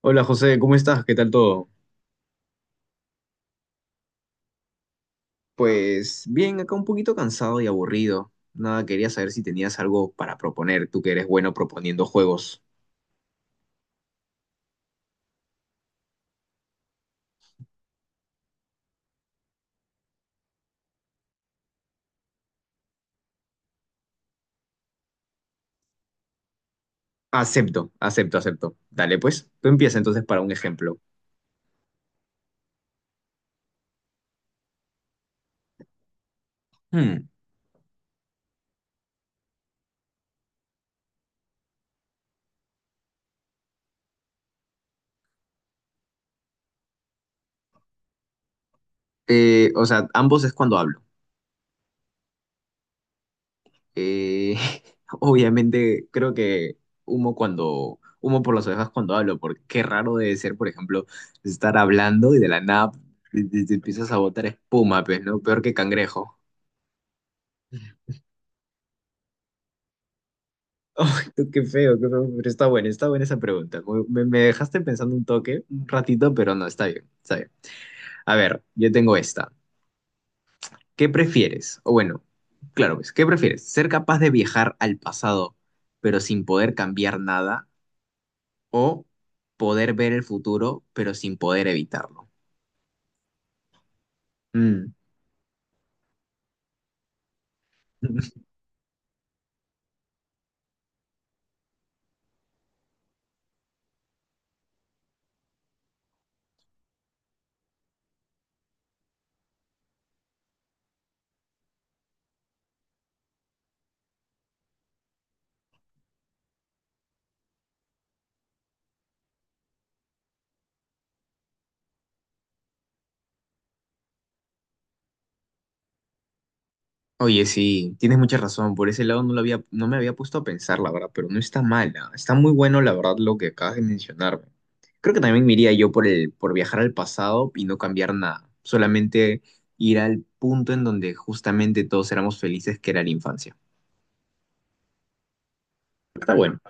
Hola José, ¿cómo estás? ¿Qué tal todo? Pues bien, acá un poquito cansado y aburrido. Nada, quería saber si tenías algo para proponer, tú que eres bueno proponiendo juegos. Acepto, acepto, acepto. Dale, pues, tú empieza entonces para un ejemplo. Hmm, o sea, ambos es cuando hablo. Eh, Obviamente, creo que humo por las orejas cuando hablo, porque qué raro debe ser, por ejemplo, estar hablando y de la nada te empiezas a botar espuma, pues, ¿no? Peor que cangrejo. Qué feo, pero está buena esa pregunta. Me dejaste pensando un toque, un ratito, pero no, está bien, está bien. A ver, yo tengo esta. ¿Qué prefieres? O bueno, claro, pues, ¿qué prefieres? ¿Ser capaz de viajar al pasado, pero sin poder cambiar nada? ¿O poder ver el futuro, pero sin poder evitarlo? Mm. Oye, sí, tienes mucha razón. Por ese lado no lo había, no me había puesto a pensar, la verdad, pero no está mala. Está muy bueno, la verdad, lo que acabas de mencionarme. Creo que también me iría yo por viajar al pasado y no cambiar nada. Solamente ir al punto en donde justamente todos éramos felices, que era la infancia. Está bueno.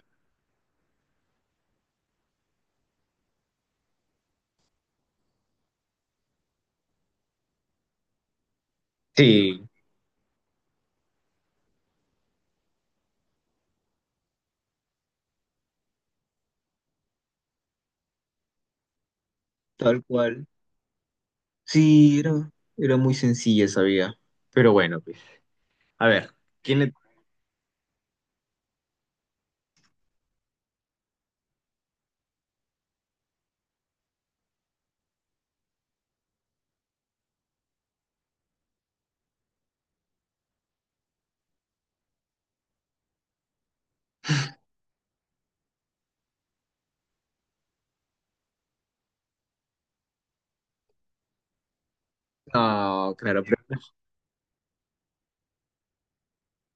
Sí, tal cual. Sí, era muy sencilla esa vida. Pero bueno, pues. A ver, ¿quién le... No, claro.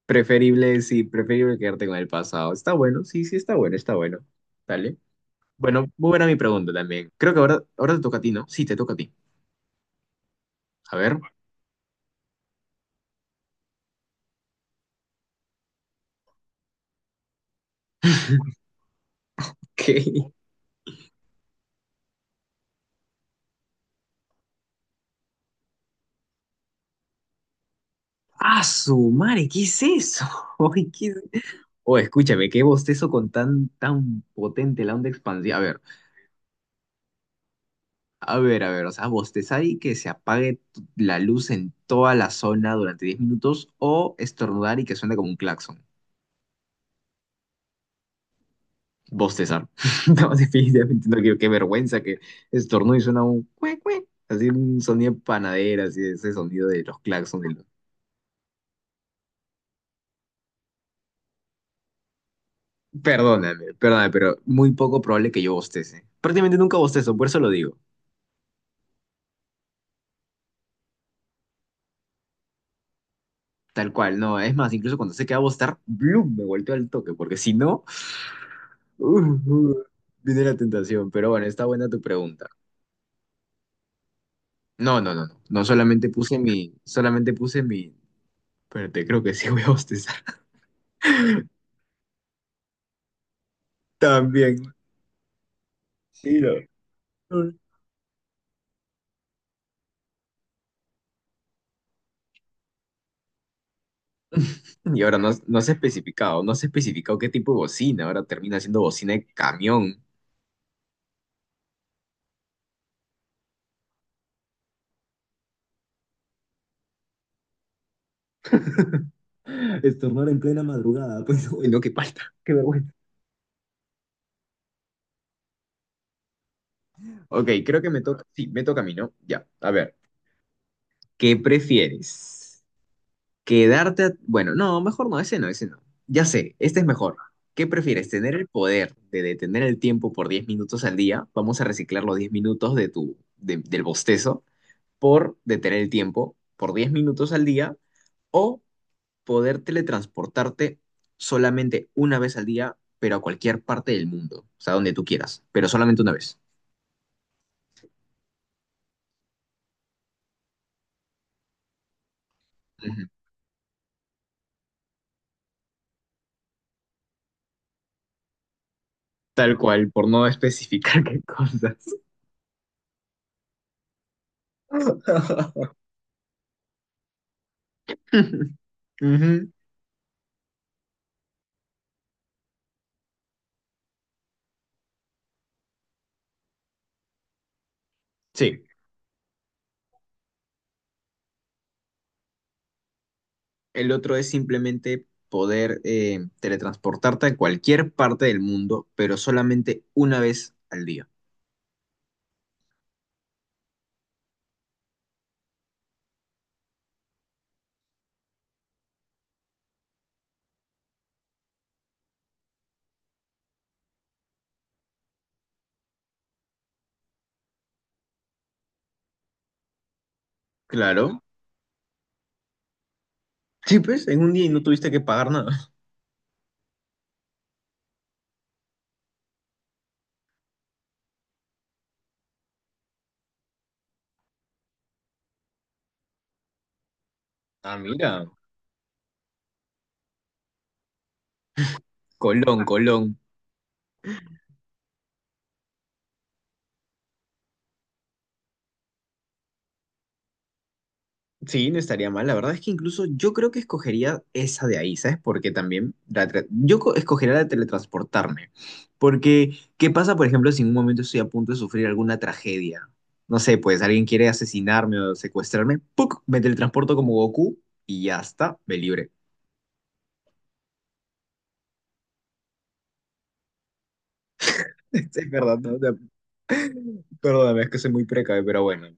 Preferible, sí, preferible quedarte con el pasado. Está bueno, sí, sí, está bueno, está bueno. Dale. Bueno, muy buena mi pregunta también. Creo que ahora te toca a ti, ¿no? Sí, te toca a ti. A ver, ¿qué? ¡Ah, su madre! ¿Qué es eso? Ay, ¿qué es- Oh, escúchame, qué bostezo con tan, tan potente la onda expansiva. A ver, a ver, a ver, o sea, bostezar y que se apague t- la luz en toda la zona durante 10 minutos o estornudar y que suene como un claxon. Bostezar. No, definitivamente no quiero, qué vergüenza que estornudo y suena un cue, cue, así un sonido de panadera, así ese sonido de los claxons. De los- Perdóname, perdóname, pero muy poco probable que yo bostece. Prácticamente nunca bostezo, por eso lo digo. Tal cual, no, es más, incluso cuando sé que va a bostar, ¡blum! Me volteo al toque, porque si no, uh, uh, viene la tentación. Pero bueno, está buena tu pregunta. No, no, no, no, no, solamente puse mi, espérate, creo que sí voy a bostezar. También. Sí, no. Y ahora no, no se ha especificado, no se ha especificado qué tipo de bocina. Ahora termina siendo bocina de camión. Estornudar en plena madrugada, pues lo bueno, que falta, qué vergüenza. Ok, creo que me toca. Sí, me toca a mí, ¿no? Ya, a ver. ¿Qué prefieres? ¿Quedarte a- Bueno, no, mejor no, ese no, ese no. Ya sé, este es mejor. ¿Qué prefieres? ¿Tener el poder de detener el tiempo por 10 minutos al día? Vamos a reciclar los 10 minutos de del bostezo por detener el tiempo por 10 minutos al día. O poder teletransportarte solamente una vez al día, pero a cualquier parte del mundo, o sea, donde tú quieras, pero solamente una vez. Ujú. Tal cual, por no especificar qué cosas. Ujú. Sí, el otro es simplemente poder teletransportarte a cualquier parte del mundo, pero solamente una vez al día. Claro. Sí, pues, en un día y no tuviste que pagar nada. Ah, mira. Colón, Colón. Sí, no estaría mal. La verdad es que incluso yo creo que escogería esa de ahí, ¿sabes? Porque también la tra- yo co- escogería la de teletransportarme. Porque, ¿qué pasa, por ejemplo, si en un momento estoy a punto de sufrir alguna tragedia? No sé, pues alguien quiere asesinarme o secuestrarme, ¡puc! Me teletransporto como Goku y ya está, me libre. Es verdad, ¿no? Ya, perdóname, es que soy muy precavido, pero bueno.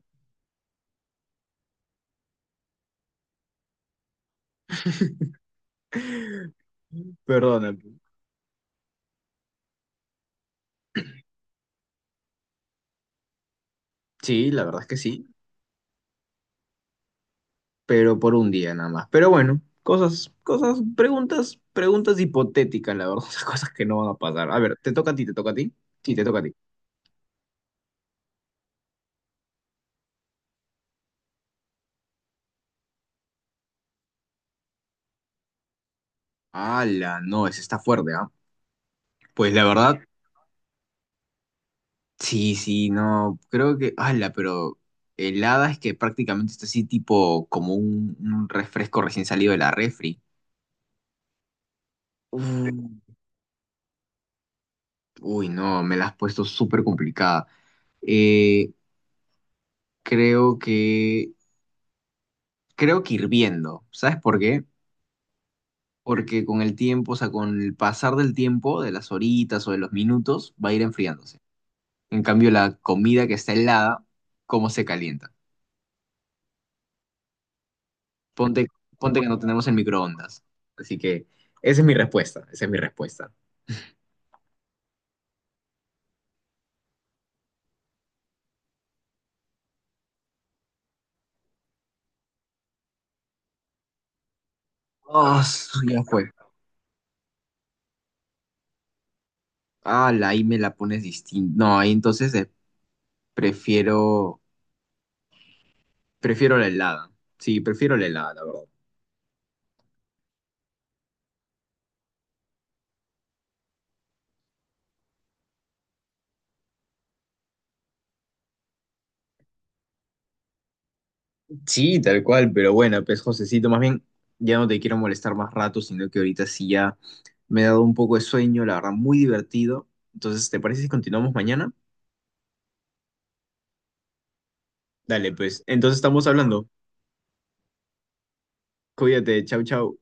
Perdóname. Sí, la verdad es que sí. Pero por un día nada más. Pero bueno, cosas, cosas, preguntas, preguntas hipotéticas, la verdad, o sea, cosas que no van a pasar. A ver, ¿te toca a ti, te toca a ti? Sí, te toca a ti. Ala, no, ese está fuerte, ¿ah? Pues la verdad, sí, sí, no, creo que, ala, pero helada es que prácticamente está así tipo como un refresco recién salido de la refri. Uh, Uy, no, me la has puesto súper complicada. Eh, creo que, creo que, hirviendo, ¿sabes por qué? Porque con el tiempo, o sea, con el pasar del tiempo, de las horitas o de los minutos, va a ir enfriándose. En cambio, la comida que está helada, ¿cómo se calienta? Ponte, ponte que no tenemos el microondas. Así que esa es mi respuesta, esa es mi respuesta. Oh, ya fue. Ah, la ahí me la pones distinta. No, ahí entonces prefiero, prefiero la helada. Sí, prefiero la helada, la verdad. Sí, tal cual, pero bueno, pues Josecito, más bien ya no te quiero molestar más rato, sino que ahorita sí ya me he dado un poco de sueño, la verdad, muy divertido. Entonces, ¿te parece si continuamos mañana? Dale, pues, entonces estamos hablando. Cuídate, chau, chau.